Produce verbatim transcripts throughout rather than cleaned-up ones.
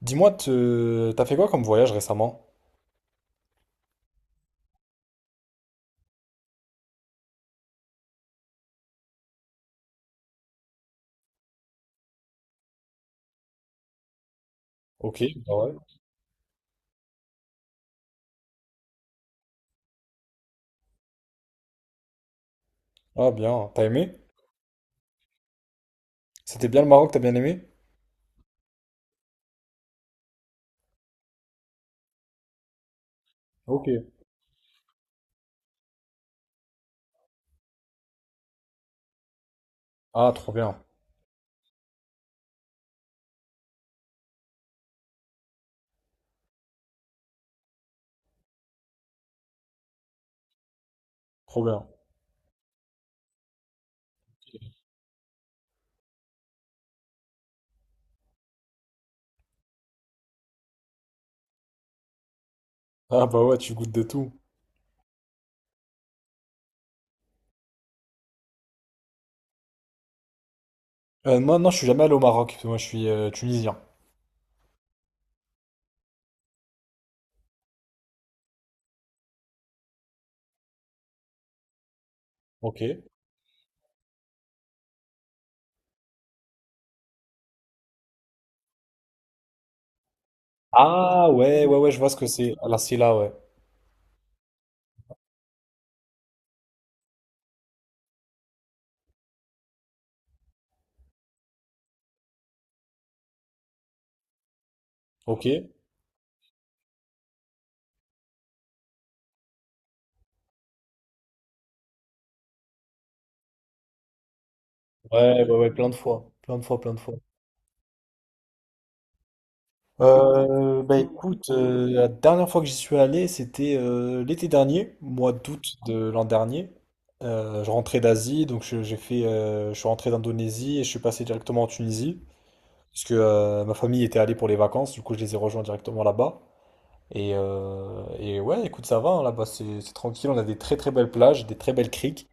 Dis-moi, tu- t'as fait quoi comme voyage récemment? Ok, bah ouais. Ah bien, t'as aimé? C'était bien le Maroc, t'as bien aimé? Ok. Ah trop bien, trop bien. Ah bah ouais, tu goûtes de tout. Euh, moi non, je suis jamais allé au Maroc, parce que moi je suis euh, tunisien. Ok. Ah ouais, ouais, ouais, je vois ce que c'est. La Silla, ouais. Ok. Ouais, ouais, ouais, plein de fois. Plein de fois, plein de fois. Euh, bah écoute, euh, la dernière fois que j'y suis allé, c'était euh, l'été dernier, mois d'août de l'an dernier. Euh, je rentrais d'Asie, donc je, j'ai fait, euh, je suis rentré d'Indonésie et je suis passé directement en Tunisie, parce que euh, ma famille était allée pour les vacances, du coup je les ai rejoints directement là-bas. Et, euh, et ouais, écoute, ça va, hein, là-bas c'est c'est tranquille, on a des très très belles plages, des très belles criques,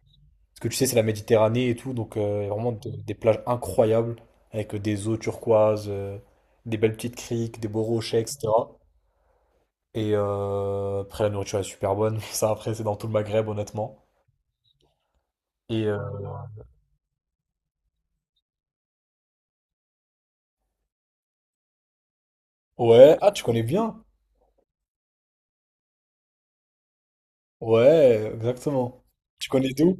parce que tu sais c'est la Méditerranée et tout, donc euh, il y a vraiment de- des plages incroyables, avec des eaux turquoises. Euh, des belles petites criques, des beaux rochers, et cetera. Et euh, après, la nourriture est super bonne. Ça, après, c'est dans tout le Maghreb, honnêtement. Et euh, ouais, ah, tu connais bien? Ouais, exactement. Tu connais d'où?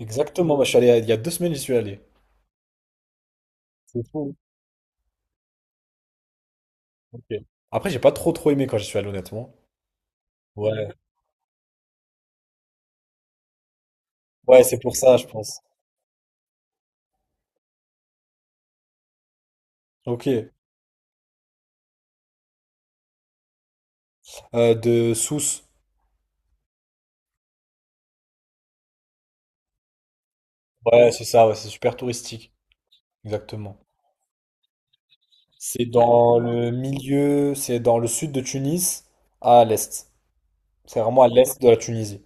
Exactement, moi, je suis allé il y a deux semaines, j'y suis allé. C'est fou. Ok. Après, j'ai pas trop trop aimé quand j'y suis allé, honnêtement. Ouais, ouais, c'est pour ça, je pense. Ok. Euh, de Sousse. Ouais, c'est ça, ouais, c'est super touristique. Exactement. C'est dans le milieu, c'est dans le sud de Tunis, à l'est. C'est vraiment à l'est de la Tunisie.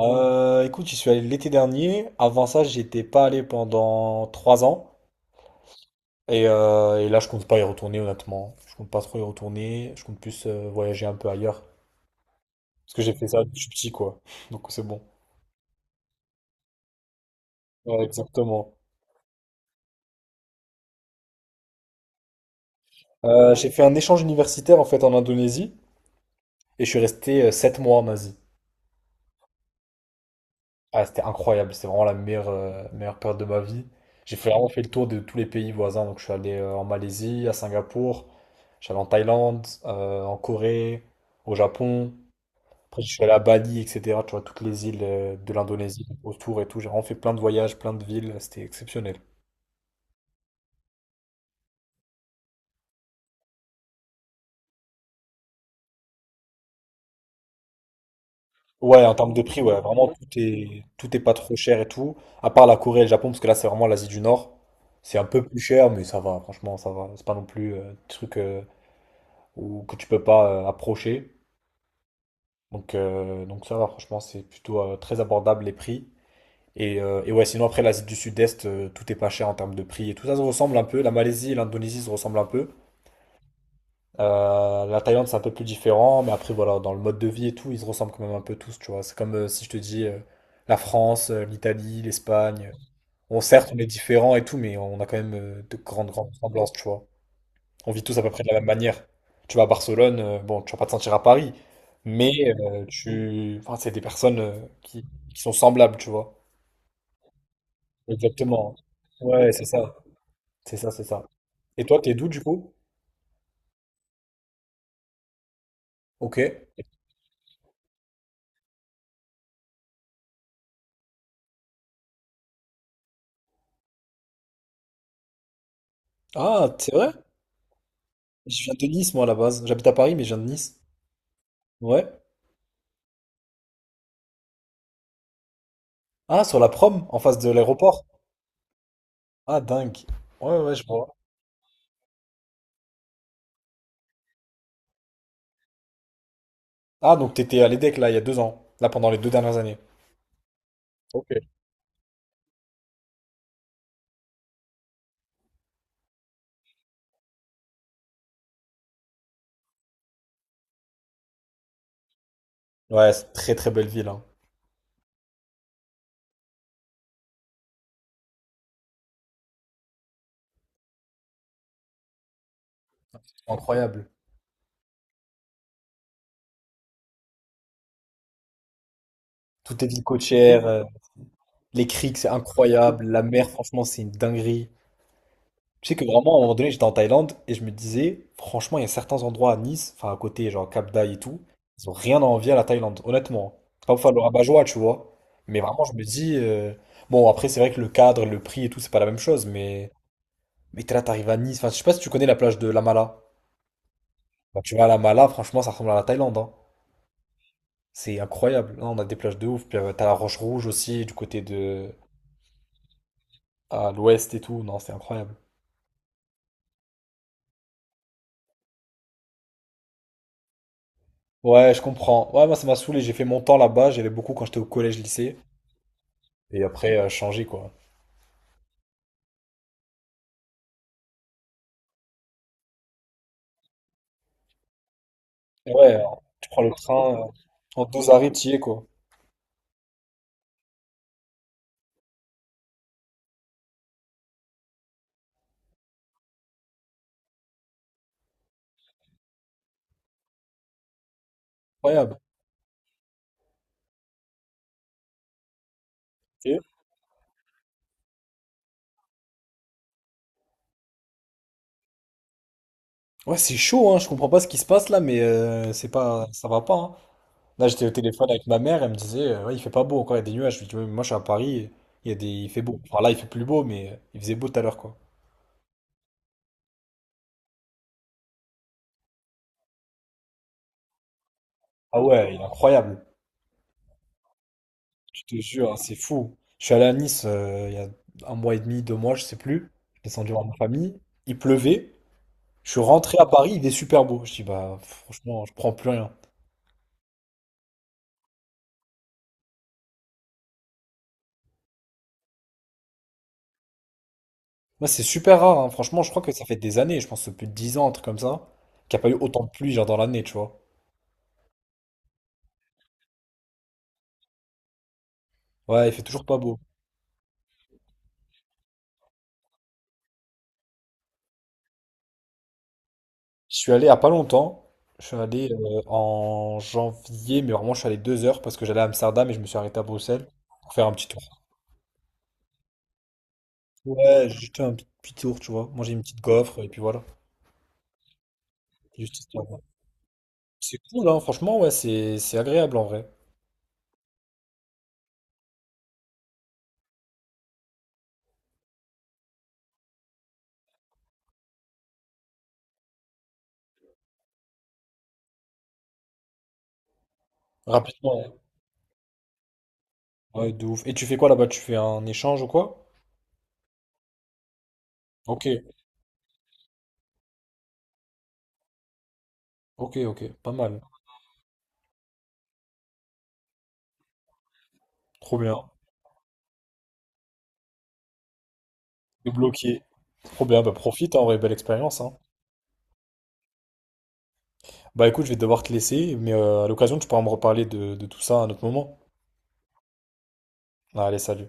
Euh, écoute, j'y suis allé l'été dernier. Avant ça, j'y étais pas allé pendant trois ans. Et, euh, et là, je compte pas y retourner, honnêtement. Je compte pas trop y retourner. Je compte plus euh, voyager un peu ailleurs. Parce que j'ai fait ça depuis petit, quoi. Donc c'est bon. Ouais, exactement. Euh, j'ai fait un échange universitaire, en fait, en Indonésie. Et je suis resté euh, sept mois en Asie. Ah, c'était incroyable, c'était vraiment la meilleure, euh, meilleure période de ma vie. J'ai fait- vraiment fait le tour de tous les pays voisins, donc je suis allé euh, en Malaisie, à Singapour, j'allais en Thaïlande, euh, en Corée, au Japon, après je suis allé à Bali, et cetera. Tu vois, toutes les îles euh, de l'Indonésie autour et tout. J'ai vraiment fait plein de voyages, plein de villes, c'était exceptionnel. Ouais, en termes de prix, ouais, vraiment tout est, tout est pas trop cher et tout, à part la Corée et le Japon, parce que là c'est vraiment l'Asie du Nord. C'est un peu plus cher, mais ça va, franchement, ça va. C'est pas non plus euh, des trucs euh, ou que tu peux pas euh, approcher. Donc, euh, donc ça va, franchement, c'est plutôt euh, très abordable les prix. Et, euh, et ouais, sinon après l'Asie du Sud-Est, euh, tout est pas cher en termes de prix et tout ça se ressemble un peu. La Malaisie et l'Indonésie se ressemblent un peu. Euh, la Thaïlande, c'est un peu plus différent, mais après, voilà, dans le mode de vie et tout, ils se ressemblent quand même un peu tous, tu vois. C'est comme euh, si je te dis euh, la France, euh, l'Italie, l'Espagne. On, certes, on est différents et tout, mais on a quand même euh, de grandes, grandes ressemblances, tu vois. On vit tous à peu près de la même manière. Tu vas à Barcelone, euh, bon, tu vas pas te sentir à Paris, mais euh, tu, enfin, c'est des personnes euh, qui, qui sont semblables, tu vois. Exactement. Ouais, c'est ça. C'est ça, c'est ça. Et toi, t'es d'où du coup? Ok. Ah, c'est vrai? Je viens de Nice, moi, à la base. J'habite à Paris, mais je viens de Nice. Ouais. Ah, sur la prom, en face de l'aéroport. Ah, dingue. Ouais, ouais, je vois. Ah, donc t'étais à l'EDEC, là, il y a deux ans. Là, pendant les deux dernières années. Ok. Ouais, c'est une très, très belle ville, hein. Incroyable. Tout est ville côtière. Les criques, c'est incroyable. La mer, franchement, c'est une dinguerie. Tu sais que vraiment, à un moment donné, j'étais en Thaïlande et je me disais, franchement, il y a certains endroits à Nice, enfin à côté, genre Cap Dai et tout, ils ont rien à envier à la Thaïlande, honnêtement. C'est pas pour faire le rabat-joie, tu vois. Mais vraiment, je me dis, euh, bon, après, c'est vrai que le cadre, le prix et tout, c'est pas la même chose, mais, mais t'es là, t'arrives à Nice. Enfin, je sais pas si tu connais la plage de La Mala. Quand tu vas à La Mala, franchement, ça ressemble à la Thaïlande, hein. C'est incroyable. Non, on a des plages de ouf. Puis euh, t'as la Roche Rouge aussi, du côté de, à l'ouest et tout. Non, c'est incroyable. Ouais, je comprends. Ouais, moi, ça m'a saoulé. J'ai fait mon temps là-bas. J'allais beaucoup quand j'étais au collège-lycée. Et après, euh, changer, quoi. Ouais, alors, tu prends le train, euh, en deux arrêts, t'y es, quoi. Incroyable. Ok. Ouais, c'est chaud, hein. Je comprends pas ce qui se passe là, mais euh, c'est pas, ça va pas, hein. Là, j'étais au téléphone avec ma mère. Elle me disait, euh, ouais, il fait pas beau encore. Il y a des nuages. Je lui dis, Ouais, mais moi, je suis à Paris. Il y a des, Il fait beau. Enfin, là, il fait plus beau, mais euh, il faisait beau tout à l'heure, quoi. Ah ouais, il est incroyable. Je te jure, hein, c'est fou. Je suis allé à Nice euh, il y a un mois et demi, deux mois, je sais plus. Je suis descendu voir ma famille. Il pleuvait. Je suis rentré à Paris, il est super beau. Je dis, bah, franchement, je prends plus rien. Moi, c'est super rare, hein. Franchement, je crois que ça fait des années, je pense plus de dix ans, un truc comme ça, qu'il n'y a pas eu autant de pluie, genre dans l'année, tu vois. Ouais, il fait toujours pas beau. Je suis allé il y a pas longtemps. Je suis allé euh, en janvier, mais vraiment, je suis allé deux heures parce que j'allais à Amsterdam et je me suis arrêté à Bruxelles pour faire un petit tour. Ouais, juste un petit petit tour, tu vois. Manger une petite gaufre et puis voilà. Juste histoire, ouais. C'est cool, hein. Franchement, ouais, c'est c'est agréable en vrai. Rapidement. Hein. Ouais, de ouf. Et tu fais quoi là-bas? Tu fais un échange ou quoi? Ok. Ok, ok, pas mal. Trop bien. T'es bloqué. Trop bien, bah profite, hein, en vrai, belle expérience. Hein. Bah écoute, je vais devoir te laisser, mais euh, à l'occasion, tu pourras me reparler de, de tout ça à un autre moment. Allez, salut.